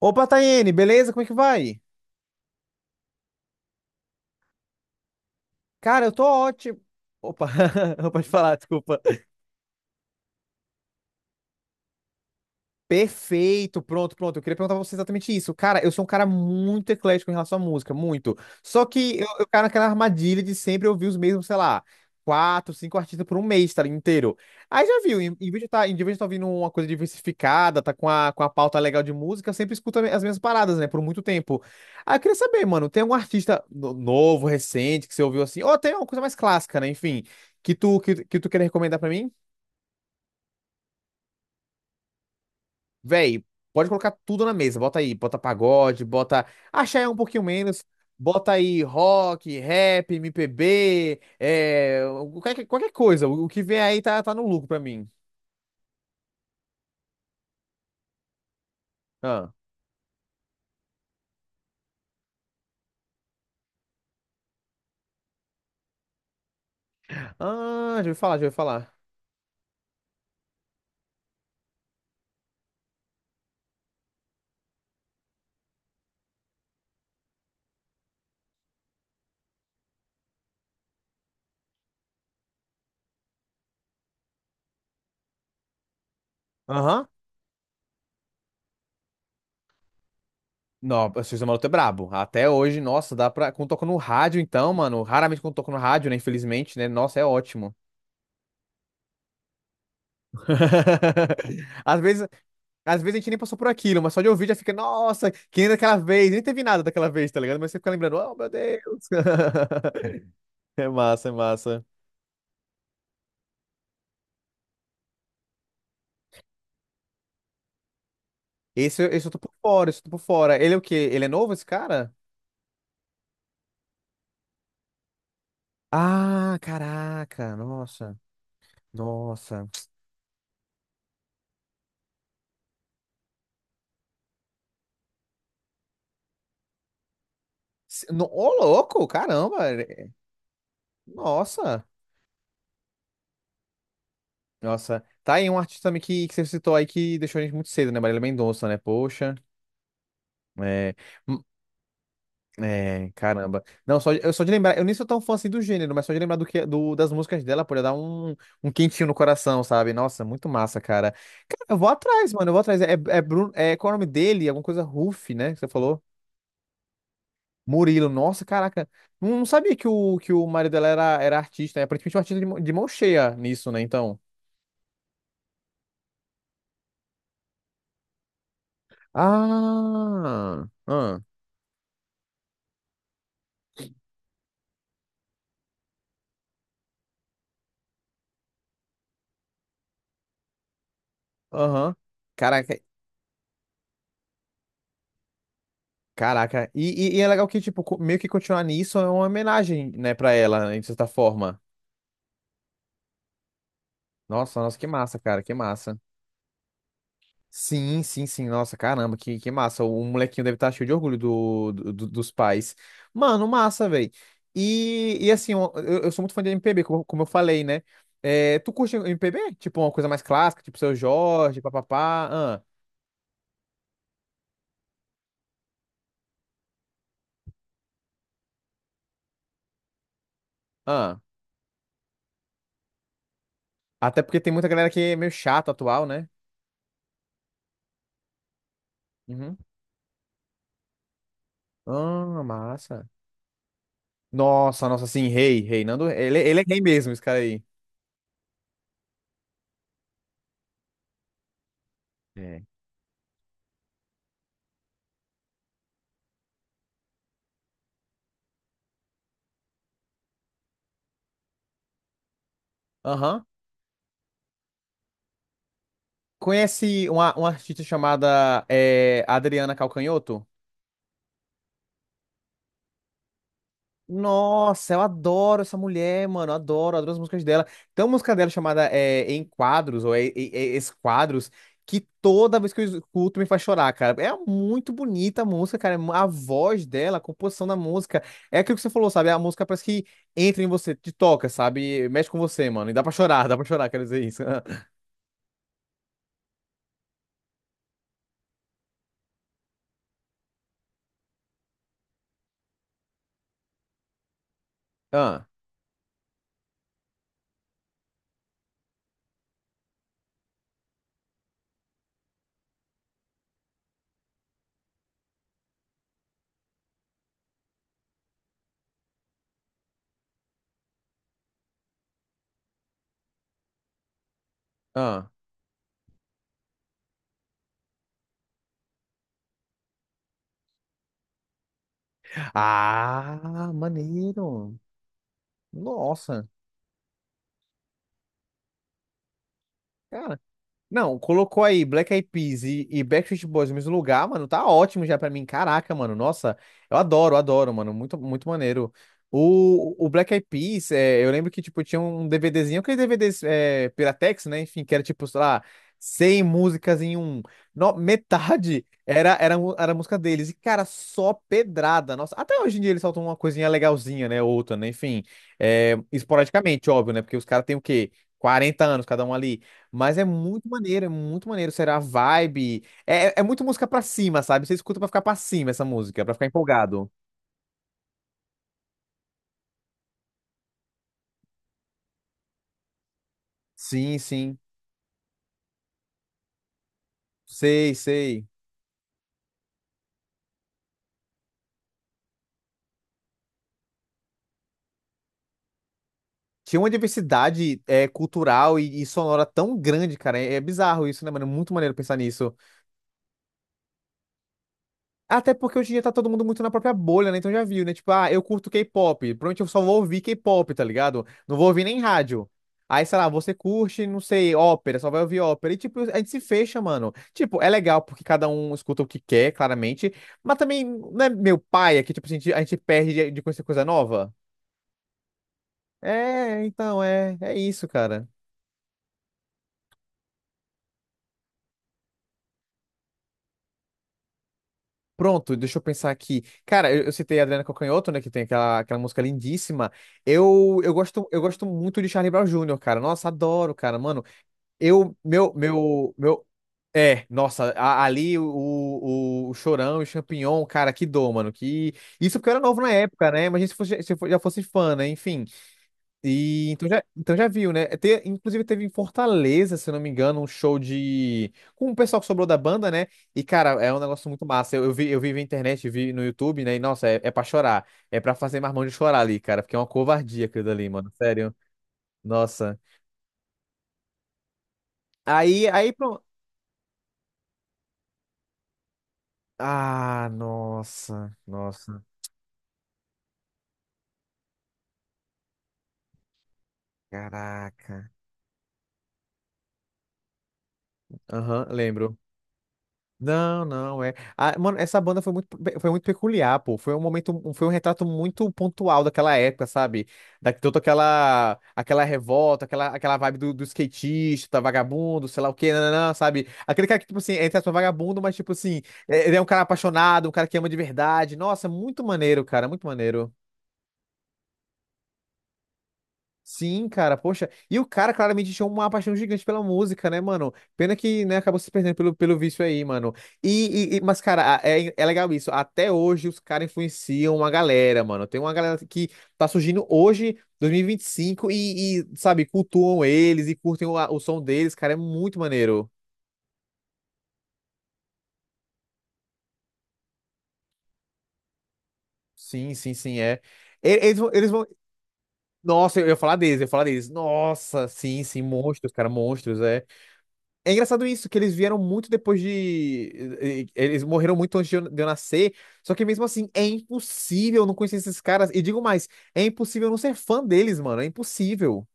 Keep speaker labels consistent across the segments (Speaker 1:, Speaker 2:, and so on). Speaker 1: Opa, Tayene, beleza? Como é que vai? Cara, eu tô ótimo. Opa, pode falar, desculpa. Perfeito, pronto, pronto. Eu queria perguntar pra você exatamente isso. Cara, eu sou um cara muito eclético em relação à música, muito. Só que eu caio naquela armadilha de sempre ouvir os mesmos, sei lá, quatro, cinco artistas por um mês, tá ali, inteiro. Aí já viu, em, em vez de estar em vez de tá ouvindo uma coisa diversificada, tá com a pauta legal de música, eu sempre escuto as mesmas paradas, né, por muito tempo. Aí eu queria saber, mano, tem algum artista novo, recente, que você ouviu assim, ou tem uma coisa mais clássica, né, enfim, que que tu queria recomendar pra mim? Véi, pode colocar tudo na mesa. Bota aí, bota pagode, bota. Axé é um pouquinho menos. Bota aí rock, rap, MPB, é, qualquer, qualquer coisa. O que vem aí tá, tá no lucro pra mim. Ah, ah, já ouvi falar, já ouvi falar. Aham. Não, o Sexta Maroto é brabo. Até hoje, nossa, dá pra. Quando toca no rádio, então, mano. Raramente quando toca no rádio, né? Infelizmente, né? Nossa, é ótimo. Às vezes, às vezes a gente nem passou por aquilo, mas só de ouvir já fica, nossa, que nem daquela vez, nem teve nada daquela vez, tá ligado? Mas você fica lembrando, oh meu Deus. É massa, é massa. Esse eu tô por fora, esse eu tô por fora. Ele é o quê? Ele é novo, esse cara? Ah, caraca, nossa, nossa. Ô, louco, caramba. Nossa, nossa. Tá aí um artista também que você citou aí que deixou a gente muito cedo, né? Marília Mendonça, né? Poxa. É. É, caramba. Não, só, eu só de lembrar, eu nem sou tão fã assim do gênero, mas só de lembrar do que, do, das músicas dela, pode dar um, um quentinho no coração, sabe? Nossa, muito massa, cara. Cara, eu vou atrás, mano, eu vou atrás. É, é Bruno, é, qual é o nome dele? Alguma coisa Ruff, né? Que você falou? Murilo, nossa, caraca. Não, não sabia que o marido dela era, era artista, né? Aparentemente um artista de, de mão cheia nisso, né? Então. Ah, ah, aham. Caraca, Caraca, e é legal que, tipo, meio que continuar nisso é uma homenagem, né, pra ela, né, de certa forma. Nossa, nossa, que massa, cara, que massa. Sim, sim, sim, nossa, caramba, que massa. O molequinho deve estar cheio de orgulho do, dos pais. Mano, massa, velho. E assim, eu sou muito fã de MPB, como, como eu falei, né? É, tu curte MPB? Tipo, uma coisa mais clássica, tipo Seu Jorge, papapá. Ah, ah. Até porque tem muita galera que é meio chata atual, né? Uhum. Ah, massa. Nossa, nossa, sim, rei, rei. Nando, ele é rei mesmo, esse cara aí. É. Aham. Conhece uma artista chamada Adriana Calcanhoto? Nossa, eu adoro essa mulher, mano. Eu Adoro, adoro as músicas dela. Tem uma música dela chamada Em Quadros, ou é, é, é, Esquadros, que toda vez que eu escuto me faz chorar, cara. É muito bonita a música, cara. A voz dela, a composição da música. É aquilo que você falou, sabe? A música parece que entra em você, te toca, sabe? Mexe com você, mano. E dá pra chorar, dá pra chorar, quero dizer isso. ah. Ah, Ah, maneiro. Nossa. Cara, não, colocou aí Black Eyed Peas e Backstreet Boys no mesmo lugar, mano, tá ótimo já pra mim. Caraca, mano, nossa, eu adoro, adoro, mano, muito, muito maneiro. O Black Eyed Peas, é, eu lembro que, tipo, tinha um DVDzinho, aquele DVDs é, Piratex, né, enfim, que era, tipo, sei lá, 100 músicas em um. No, metade era, era música deles, e, cara, só pedrada, nossa. Até hoje em dia eles soltam uma coisinha legalzinha, né, outra, né, enfim, é, esporadicamente, óbvio, né, porque os caras têm o quê? 40 anos cada um ali. Mas é muito maneiro, é muito maneiro. Será a vibe? É, é muito música pra cima, sabe? Você escuta pra ficar pra cima essa música, pra ficar empolgado. Sim, sim. Sei, sei. Tinha uma diversidade é, cultural e sonora tão grande, cara. É, é bizarro isso, né, mano? É muito maneiro pensar nisso. Até porque hoje em dia tá todo mundo muito na própria bolha, né? Então já viu, né? Tipo, ah, eu curto K-pop. Provavelmente eu só vou ouvir K-pop, tá ligado? Não vou ouvir nem rádio. Aí, sei lá, você curte, não sei, ópera, só vai ouvir ópera. E, tipo, a gente se fecha, mano. Tipo, é legal porque cada um escuta o que quer, claramente. Mas também, não é meu pai, é que, tipo, a gente perde de conhecer coisa nova? É, então, é, é isso, cara. Pronto, deixa eu pensar aqui. Cara, eu citei a Adriana Calcanhoto, né, que tem aquela, aquela música lindíssima. Eu gosto muito de Charlie Brown Jr., cara. Nossa, adoro, cara, mano. Eu, meu, é, Nossa, ali o, o Chorão e o Champignon, cara, que dor, mano. Que... Isso porque eu era novo na época, né? Imagina se fosse, se eu já fosse fã, né? Enfim. E então já viu, né? Inclusive teve em Fortaleza, se eu não me engano, um show de. Com o pessoal que sobrou da banda, né? E, cara, é um negócio muito massa. Eu, eu vi na internet, vi no YouTube, né? E, nossa, é, é pra chorar. É pra fazer marmão de chorar ali, cara, porque é uma covardia aquilo ali, mano. Sério. Nossa. Aí, aí, pronto. Ah, nossa, nossa. Caraca. Aham, lembro. Não, não, é. Ah, mano, essa banda foi foi muito peculiar, pô. Foi um momento, um, foi um retrato muito pontual daquela época, sabe? Da, toda aquela, aquela revolta, aquela, aquela vibe do, do skatista, tá vagabundo, sei lá o quê, nananã, sabe? Aquele cara que, tipo assim, é entre aspas, vagabundo, mas, tipo assim, ele é um cara apaixonado, um cara que ama de verdade. Nossa, muito maneiro, cara, muito maneiro. Sim, cara, poxa. E o cara claramente tinha uma paixão gigante pela música, né, mano? Pena que, né, acabou se perdendo pelo, pelo vício aí, mano. E, mas, cara, é legal isso. Até hoje os caras influenciam uma galera, mano. Tem uma galera que tá surgindo hoje, 2025, e, vinte e cinco, e, sabe, cultuam eles e curtem o som deles, cara. É muito maneiro. Sim, sim, sim, é. Eles vão, eles vão. Nossa, eu ia falar deles, eu ia falar deles. Nossa, sim, sim, monstros, cara, monstros, é. É engraçado isso, que eles vieram muito depois de. Eles morreram muito antes de eu nascer. Só que mesmo assim, é impossível não conhecer esses caras. E digo mais, é impossível não ser fã deles, mano. É impossível.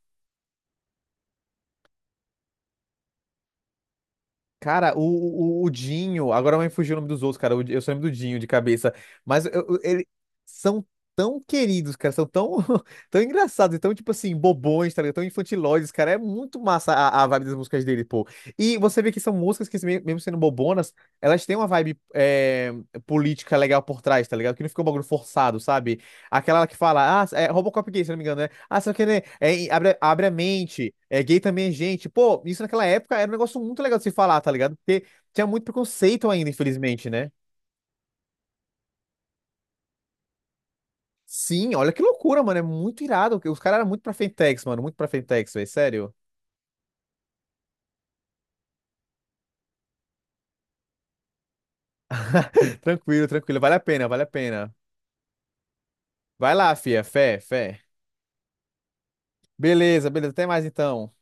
Speaker 1: Cara, o Dinho, agora vai me fugir o nome dos outros, cara. O Eu só lembro do Dinho de cabeça. Mas eu, eu- ele- São tão queridos, cara. São tão, tão engraçados, e tão, tipo assim, bobões, tá ligado? Tão infantiloides, cara. É muito massa a vibe das músicas dele, pô. E você vê que são músicas que, mesmo sendo bobonas, elas têm uma vibe é, política legal por trás, tá ligado? Que não fica um bagulho forçado, sabe? Aquela que fala, ah, é Robocop gay, se não me engano, né? Ah, só que, né, é, abre a mente, é gay também é gente. Pô, isso naquela época era um negócio muito legal de se falar, tá ligado? Porque tinha muito preconceito ainda, infelizmente, né? Sim, olha que loucura, mano, é muito irado. Os caras eram muito pra Fentex, mano, muito pra Fentex, velho, sério. Tranquilo, tranquilo, vale a pena, vale a pena. Vai lá, fia, fé, fé. Beleza, beleza, até mais então.